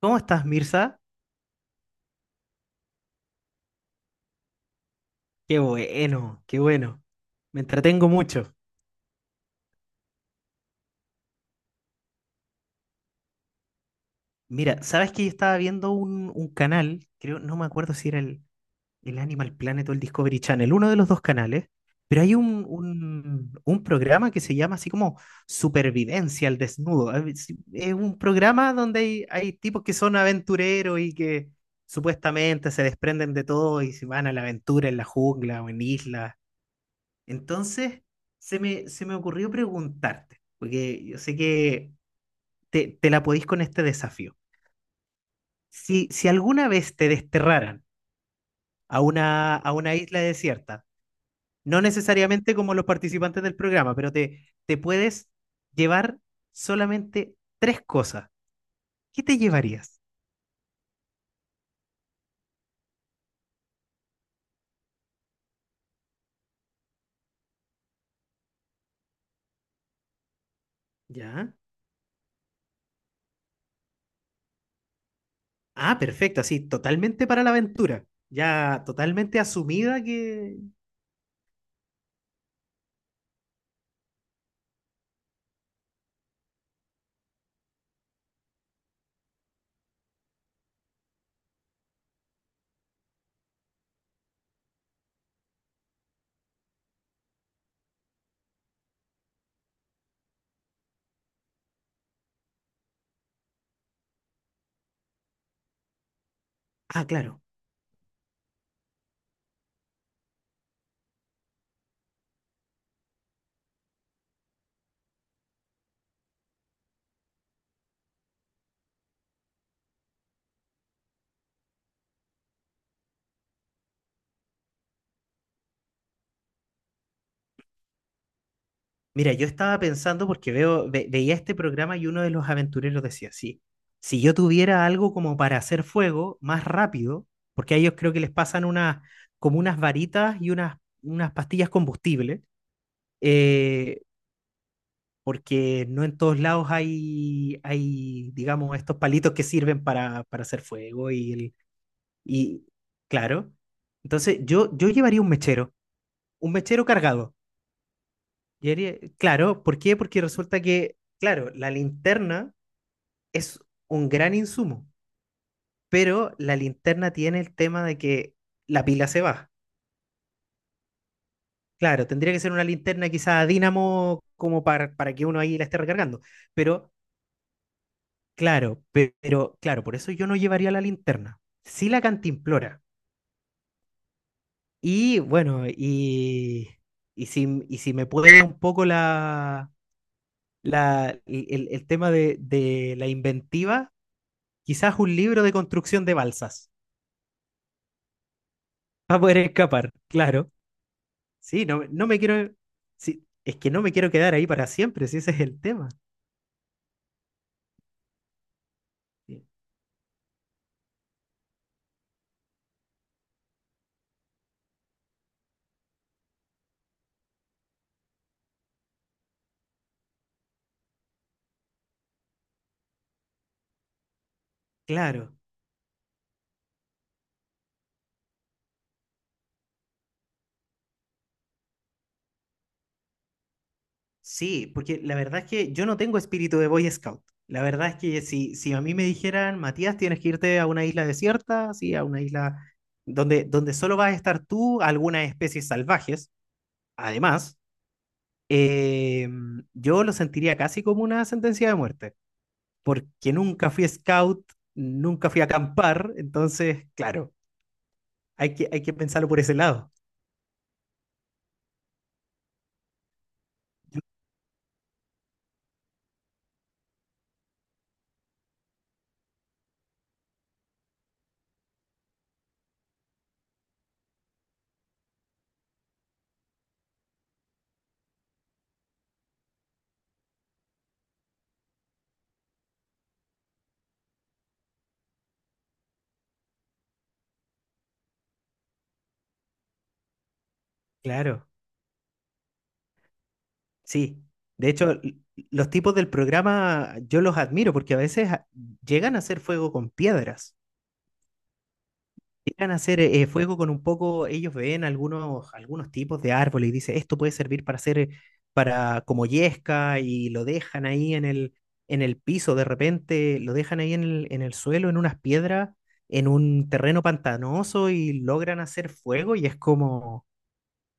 ¿Cómo estás, Mirza? Qué bueno, qué bueno. Me entretengo mucho. Mira, ¿sabes que yo estaba viendo un canal? Creo, no me acuerdo si era el Animal Planet o el Discovery Channel, uno de los dos canales, pero hay un programa que se llama así como Supervivencia al Desnudo. A ver, es un programa donde hay tipos que son aventureros y que supuestamente se desprenden de todo y se van a la aventura en la jungla o en islas. Entonces, se me ocurrió preguntarte, porque yo sé que te la podís con este desafío. Si alguna vez te desterraran a una isla desierta, no necesariamente como los participantes del programa, pero te puedes llevar solamente tres cosas, ¿qué te llevarías? ¿Ya? Ah, perfecto, así, totalmente para la aventura, ya totalmente asumida Ah, claro. Mira, yo estaba pensando porque veía este programa y uno de los aventureros decía, sí, si yo tuviera algo como para hacer fuego más rápido, porque a ellos creo que les pasan unas, como unas varitas y unas pastillas combustibles, eh, porque no en todos lados hay, digamos, estos palitos que sirven para hacer fuego y claro. Entonces, yo llevaría un mechero cargado. Claro, ¿por qué? Porque resulta que, claro, la linterna es un gran insumo, pero la linterna tiene el tema de que la pila se va. Claro, tendría que ser una linterna quizá a dínamo como para que uno ahí la esté recargando. Pero, claro, pero, claro, por eso yo no llevaría la linterna. Sí la cantimplora. Y bueno, si, y si me puede un poco el tema de la inventiva. Quizás un libro de construcción de balsas. Para poder escapar, claro. Sí, no me quiero. Sí, es que no me quiero quedar ahí para siempre, si ese es el tema. Sí, claro, sí, porque la verdad es que yo no tengo espíritu de Boy Scout. La verdad es que si a mí me dijeran, Matías, tienes que irte a una isla desierta, sí, a una isla donde solo vas a estar tú, algunas especies salvajes, además, eh, yo lo sentiría casi como una sentencia de muerte. Porque nunca fui scout, nunca fui a acampar, entonces, claro, hay que pensarlo por ese lado. Claro, sí. De hecho, los tipos del programa yo los admiro porque a veces llegan a hacer fuego con piedras. Llegan a hacer fuego con un poco, ellos ven algunos tipos de árboles y dicen, esto puede servir para hacer, para como yesca y lo dejan ahí en el piso, de repente lo dejan ahí en el suelo, en unas piedras, en un terreno pantanoso y logran hacer fuego y es como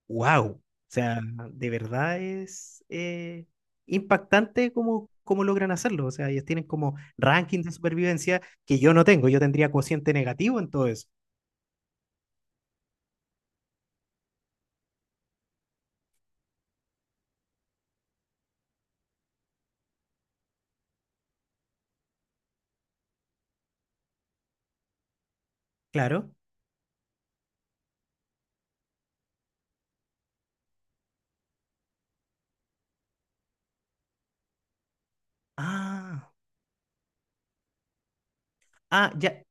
wow, o sea, de verdad es impactante cómo logran hacerlo, o sea, ellos tienen como rankings de supervivencia que yo no tengo, yo tendría cociente negativo en todo eso, claro. Ah, ah, ya.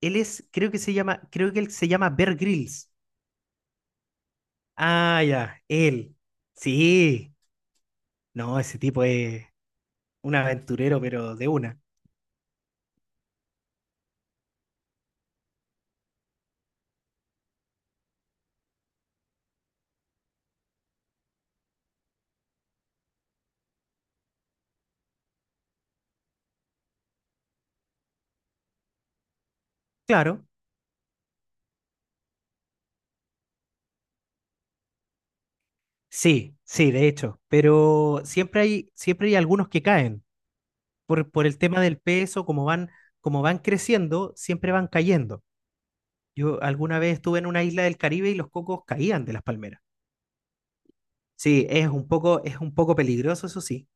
Él es, creo que se llama, creo que él se llama Bear Grylls. Ah, ya, él. Sí. No, ese tipo es un aventurero, pero de una. Claro. Sí, sí, de hecho. Pero siempre hay algunos que caen. Por el tema del peso, como van creciendo, siempre van cayendo. Yo alguna vez estuve en una isla del Caribe y los cocos caían de las palmeras. Sí, es un poco peligroso, eso sí.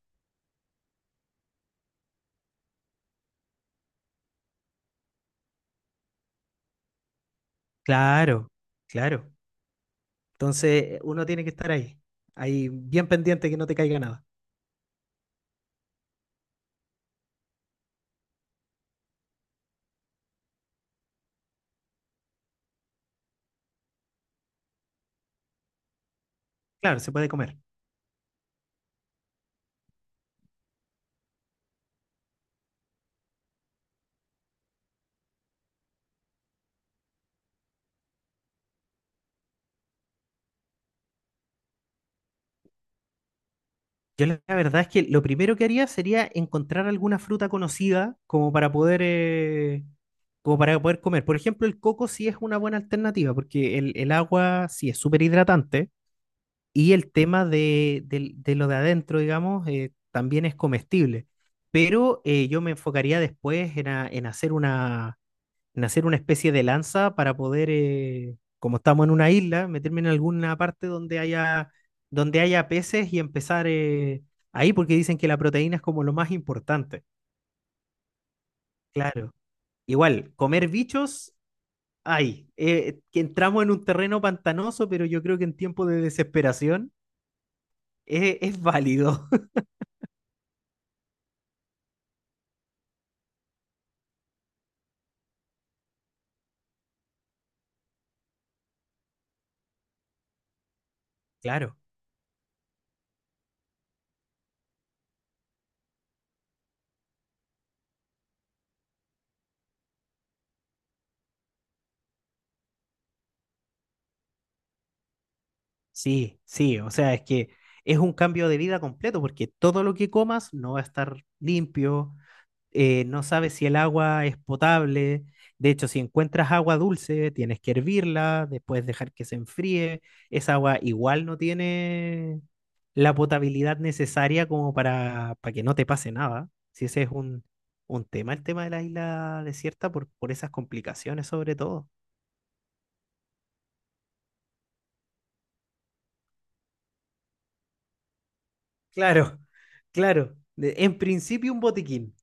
Claro, claro. Entonces, uno tiene que estar ahí bien pendiente que no te caiga nada. Claro, se puede comer. Yo la verdad es que lo primero que haría sería encontrar alguna fruta conocida como para poder comer. Por ejemplo, el coco sí es una buena alternativa porque el agua sí es súper hidratante y el tema de lo de adentro, digamos, también es comestible. Pero yo me enfocaría después en hacer una especie de lanza para poder, como estamos en una isla, meterme en alguna parte donde haya peces y empezar ahí, porque dicen que la proteína es como lo más importante. Claro. Igual, comer bichos, hay. Que entramos en un terreno pantanoso, pero yo creo que en tiempo de desesperación es válido. Claro. Sí, sí, o sea, es que es un cambio de vida completo, porque todo lo que comas no va a estar limpio, no sabes si el agua es potable. De hecho, si encuentras agua dulce, tienes que hervirla, después dejar que se enfríe. Esa agua igual no tiene la potabilidad necesaria como para que no te pase nada. Si ese es un tema, el tema de la isla desierta, por esas complicaciones sobre todo. Claro, claro. De- En principio un botiquín.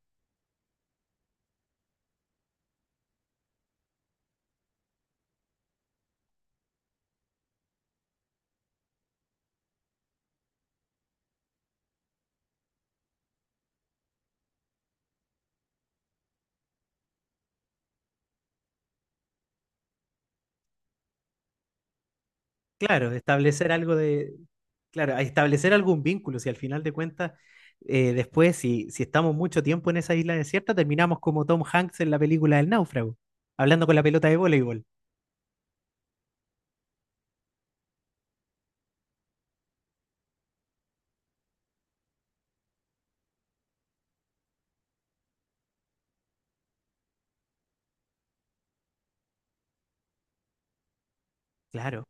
Claro, establecer algo de, claro, a establecer algún vínculo, si al final de cuentas, después, si estamos mucho tiempo en esa isla desierta, terminamos como Tom Hanks en la película El Náufrago, hablando con la pelota de voleibol. Claro.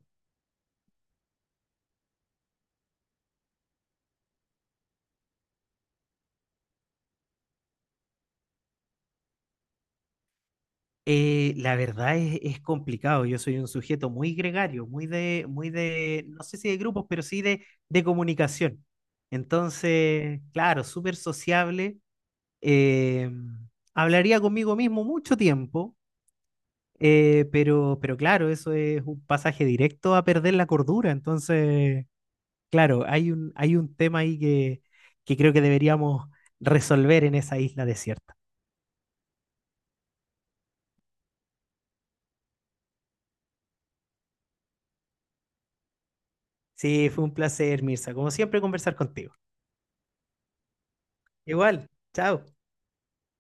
La verdad es complicado. Yo soy un sujeto muy gregario, muy de, no sé si de grupos, pero sí de comunicación. Entonces, claro, súper sociable. eh, Hablaría conmigo mismo mucho tiempo. Pero claro, eso es un pasaje directo a perder la cordura. Entonces, claro, hay hay un tema ahí que creo que deberíamos resolver en esa isla desierta. Sí, fue un placer, Mirza. Como siempre, conversar contigo. Igual, chao.